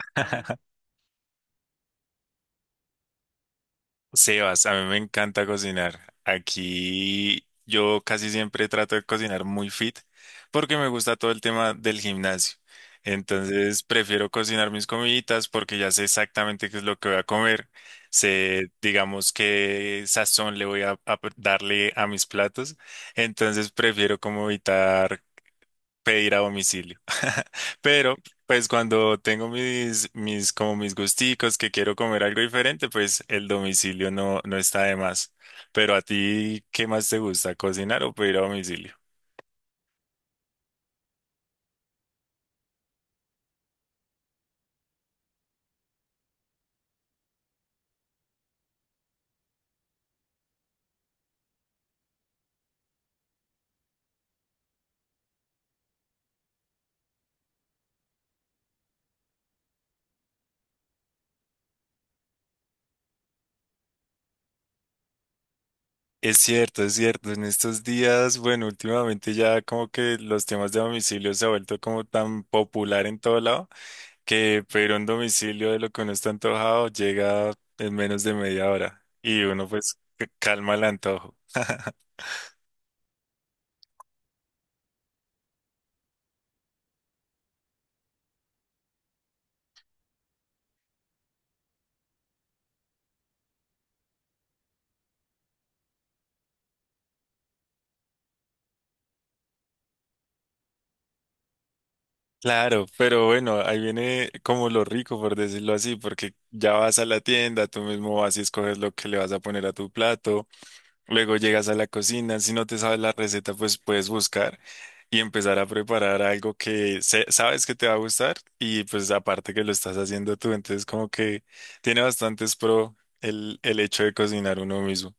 Sebas, a mí me encanta cocinar. Aquí yo casi siempre trato de cocinar muy fit porque me gusta todo el tema del gimnasio. Entonces prefiero cocinar mis comiditas porque ya sé exactamente qué es lo que voy a comer. Sé, digamos, qué sazón le voy a darle a mis platos. Entonces prefiero como evitar pedir a domicilio. Pero, pues cuando tengo como mis gusticos que quiero comer algo diferente, pues el domicilio no está de más. Pero a ti, ¿qué más te gusta, cocinar o pedir a domicilio? Es cierto, es cierto. En estos días, bueno, últimamente ya como que los temas de domicilio se ha vuelto como tan popular en todo lado que pedir un domicilio de lo que uno está antojado llega en menos de media hora y uno pues calma el antojo. Claro, pero bueno, ahí viene como lo rico, por decirlo así, porque ya vas a la tienda, tú mismo vas y escoges lo que le vas a poner a tu plato, luego llegas a la cocina, si no te sabes la receta, pues puedes buscar y empezar a preparar algo que sabes que te va a gustar y pues aparte que lo estás haciendo tú, entonces como que tiene bastantes pro el hecho de cocinar uno mismo.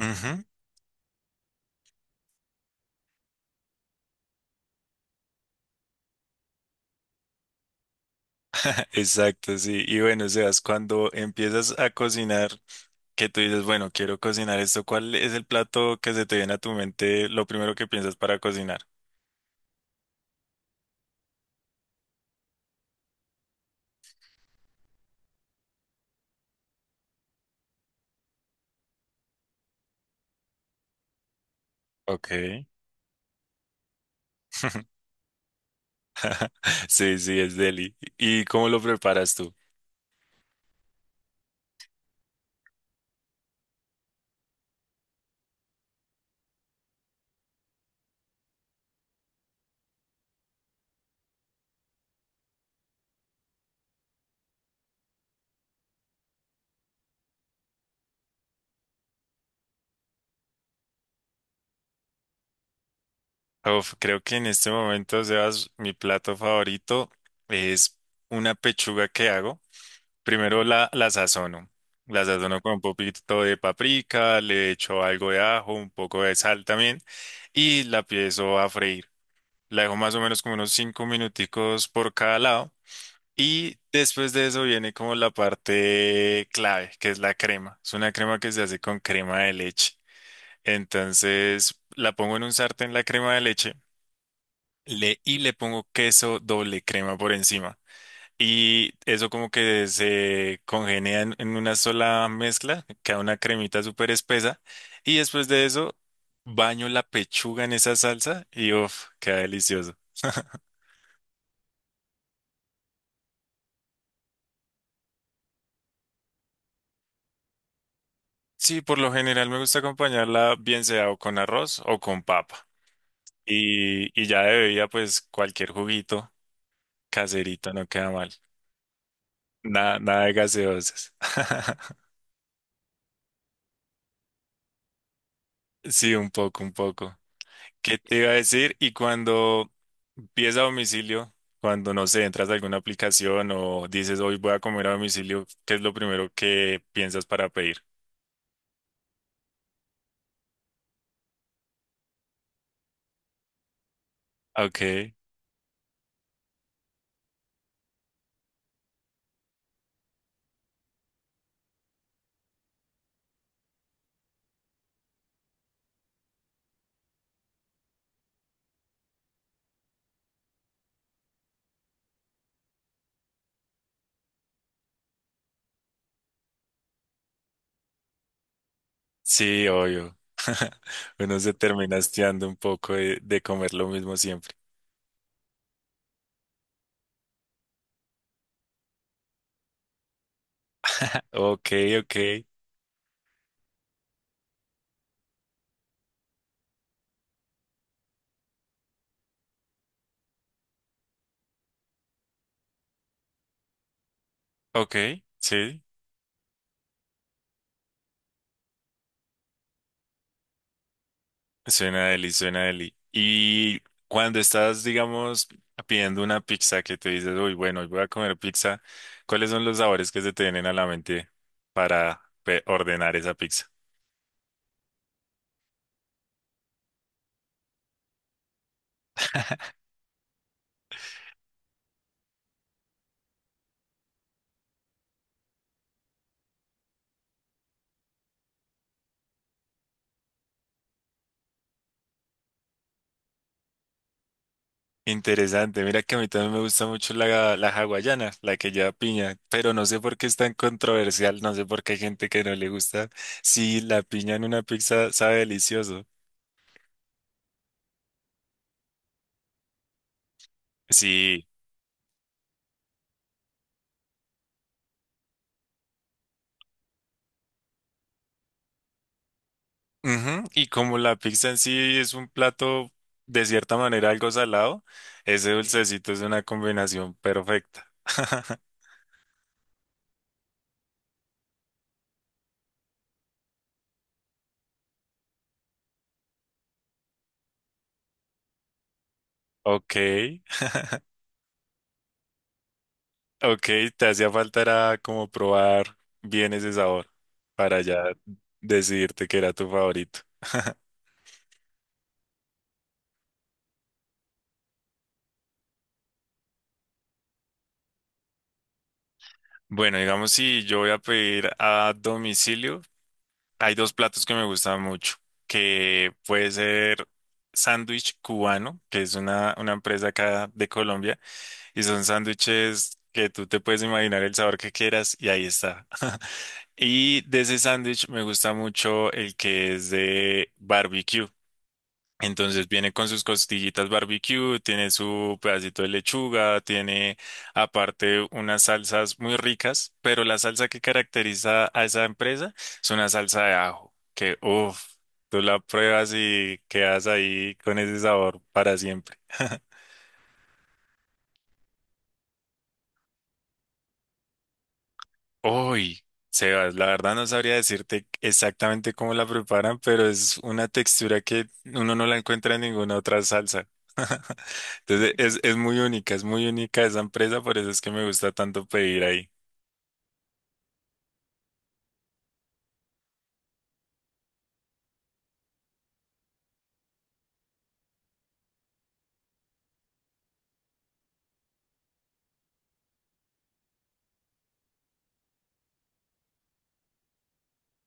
Ujú. Exacto, sí. Y bueno, Sebas, cuando empiezas a cocinar, que tú dices, bueno, quiero cocinar esto, ¿cuál es el plato que se te viene a tu mente lo primero que piensas para cocinar? Ok. Sí, sí, es deli. ¿Y cómo lo preparas tú? Uf, creo que en este momento, Sebas, mi plato favorito es una pechuga que hago. Primero la sazono. La sazono con un poquito de paprika, le echo algo de ajo, un poco de sal también y la empiezo a freír. La dejo más o menos como unos 5 minuticos por cada lado. Y después de eso viene como la parte clave, que es la crema. Es una crema que se hace con crema de leche. Entonces la pongo en un sartén la crema de leche y le pongo queso doble crema por encima. Y eso como que se congenia en una sola mezcla, queda una cremita súper espesa. Y después de eso baño la pechuga en esa salsa y uff, queda delicioso. Sí, por lo general me gusta acompañarla bien sea o con arroz o con papa. Y, y ya de bebida, pues cualquier juguito caserito no queda mal. Nada, nada de gaseosas. Sí, un poco, un poco. ¿Qué te iba a decir? Y cuando pides a domicilio, cuando no sé, entras a alguna aplicación o dices hoy voy a comer a domicilio, ¿qué es lo primero que piensas para pedir? Ok, sí, obvio. Uno se termina hastiando un poco de comer lo mismo siempre. Ok, ok, ok, sí. Suena deli, suena deli. Y cuando estás, digamos, pidiendo una pizza que te dices, uy, bueno, hoy voy a comer pizza, ¿cuáles son los sabores que se te vienen a la mente para ordenar esa pizza? Interesante, mira que a mí también me gusta mucho la hawaiana, la que lleva piña, pero no sé por qué es tan controversial, no sé por qué hay gente que no le gusta. Sí, la piña en una pizza sabe delicioso. Sí. Ujú, y como la pizza en sí es un plato de cierta manera algo salado, ese dulcecito es una combinación perfecta. Ok, ok, te hacía falta era como probar bien ese sabor para ya decidirte que era tu favorito. Bueno, digamos si yo voy a pedir a domicilio, hay dos platos que me gustan mucho, que puede ser sándwich cubano, que es una empresa acá de Colombia. Y son sándwiches que tú te puedes imaginar el sabor que quieras y ahí está. Y de ese sándwich me gusta mucho el que es de barbecue. Entonces viene con sus costillitas barbecue, tiene su pedacito de lechuga, tiene aparte unas salsas muy ricas, pero la salsa que caracteriza a esa empresa es una salsa de ajo, que uff, tú la pruebas y quedas ahí con ese sabor para siempre. Uy, Sebas, la verdad no sabría decirte exactamente cómo la preparan, pero es una textura que uno no la encuentra en ninguna otra salsa. Entonces es muy única, es muy única esa empresa, por eso es que me gusta tanto pedir ahí.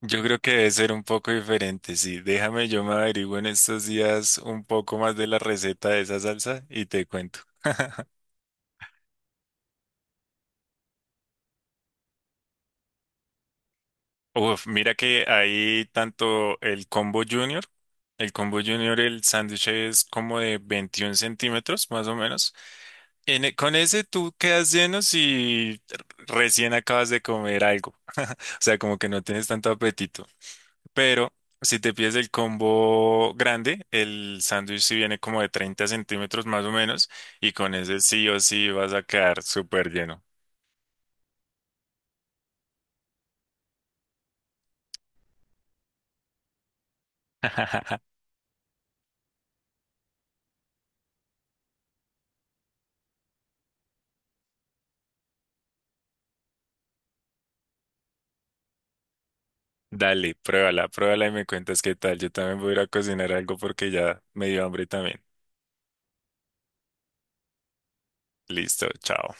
Yo creo que debe ser un poco diferente, sí. Déjame, yo me averiguo en estos días un poco más de la receta de esa salsa y te cuento. Uf, mira que hay tanto el combo junior, el combo junior, el sándwich es como de 21 centímetros más o menos. Con ese tú quedas lleno si recién acabas de comer algo, o sea, como que no tienes tanto apetito. Pero si te pides el combo grande, el sándwich sí viene como de 30 centímetros más o menos y con ese sí o sí vas a quedar súper lleno. Dale, pruébala, pruébala y me cuentas qué tal. Yo también voy a ir a cocinar algo porque ya me dio hambre también. Listo, chao.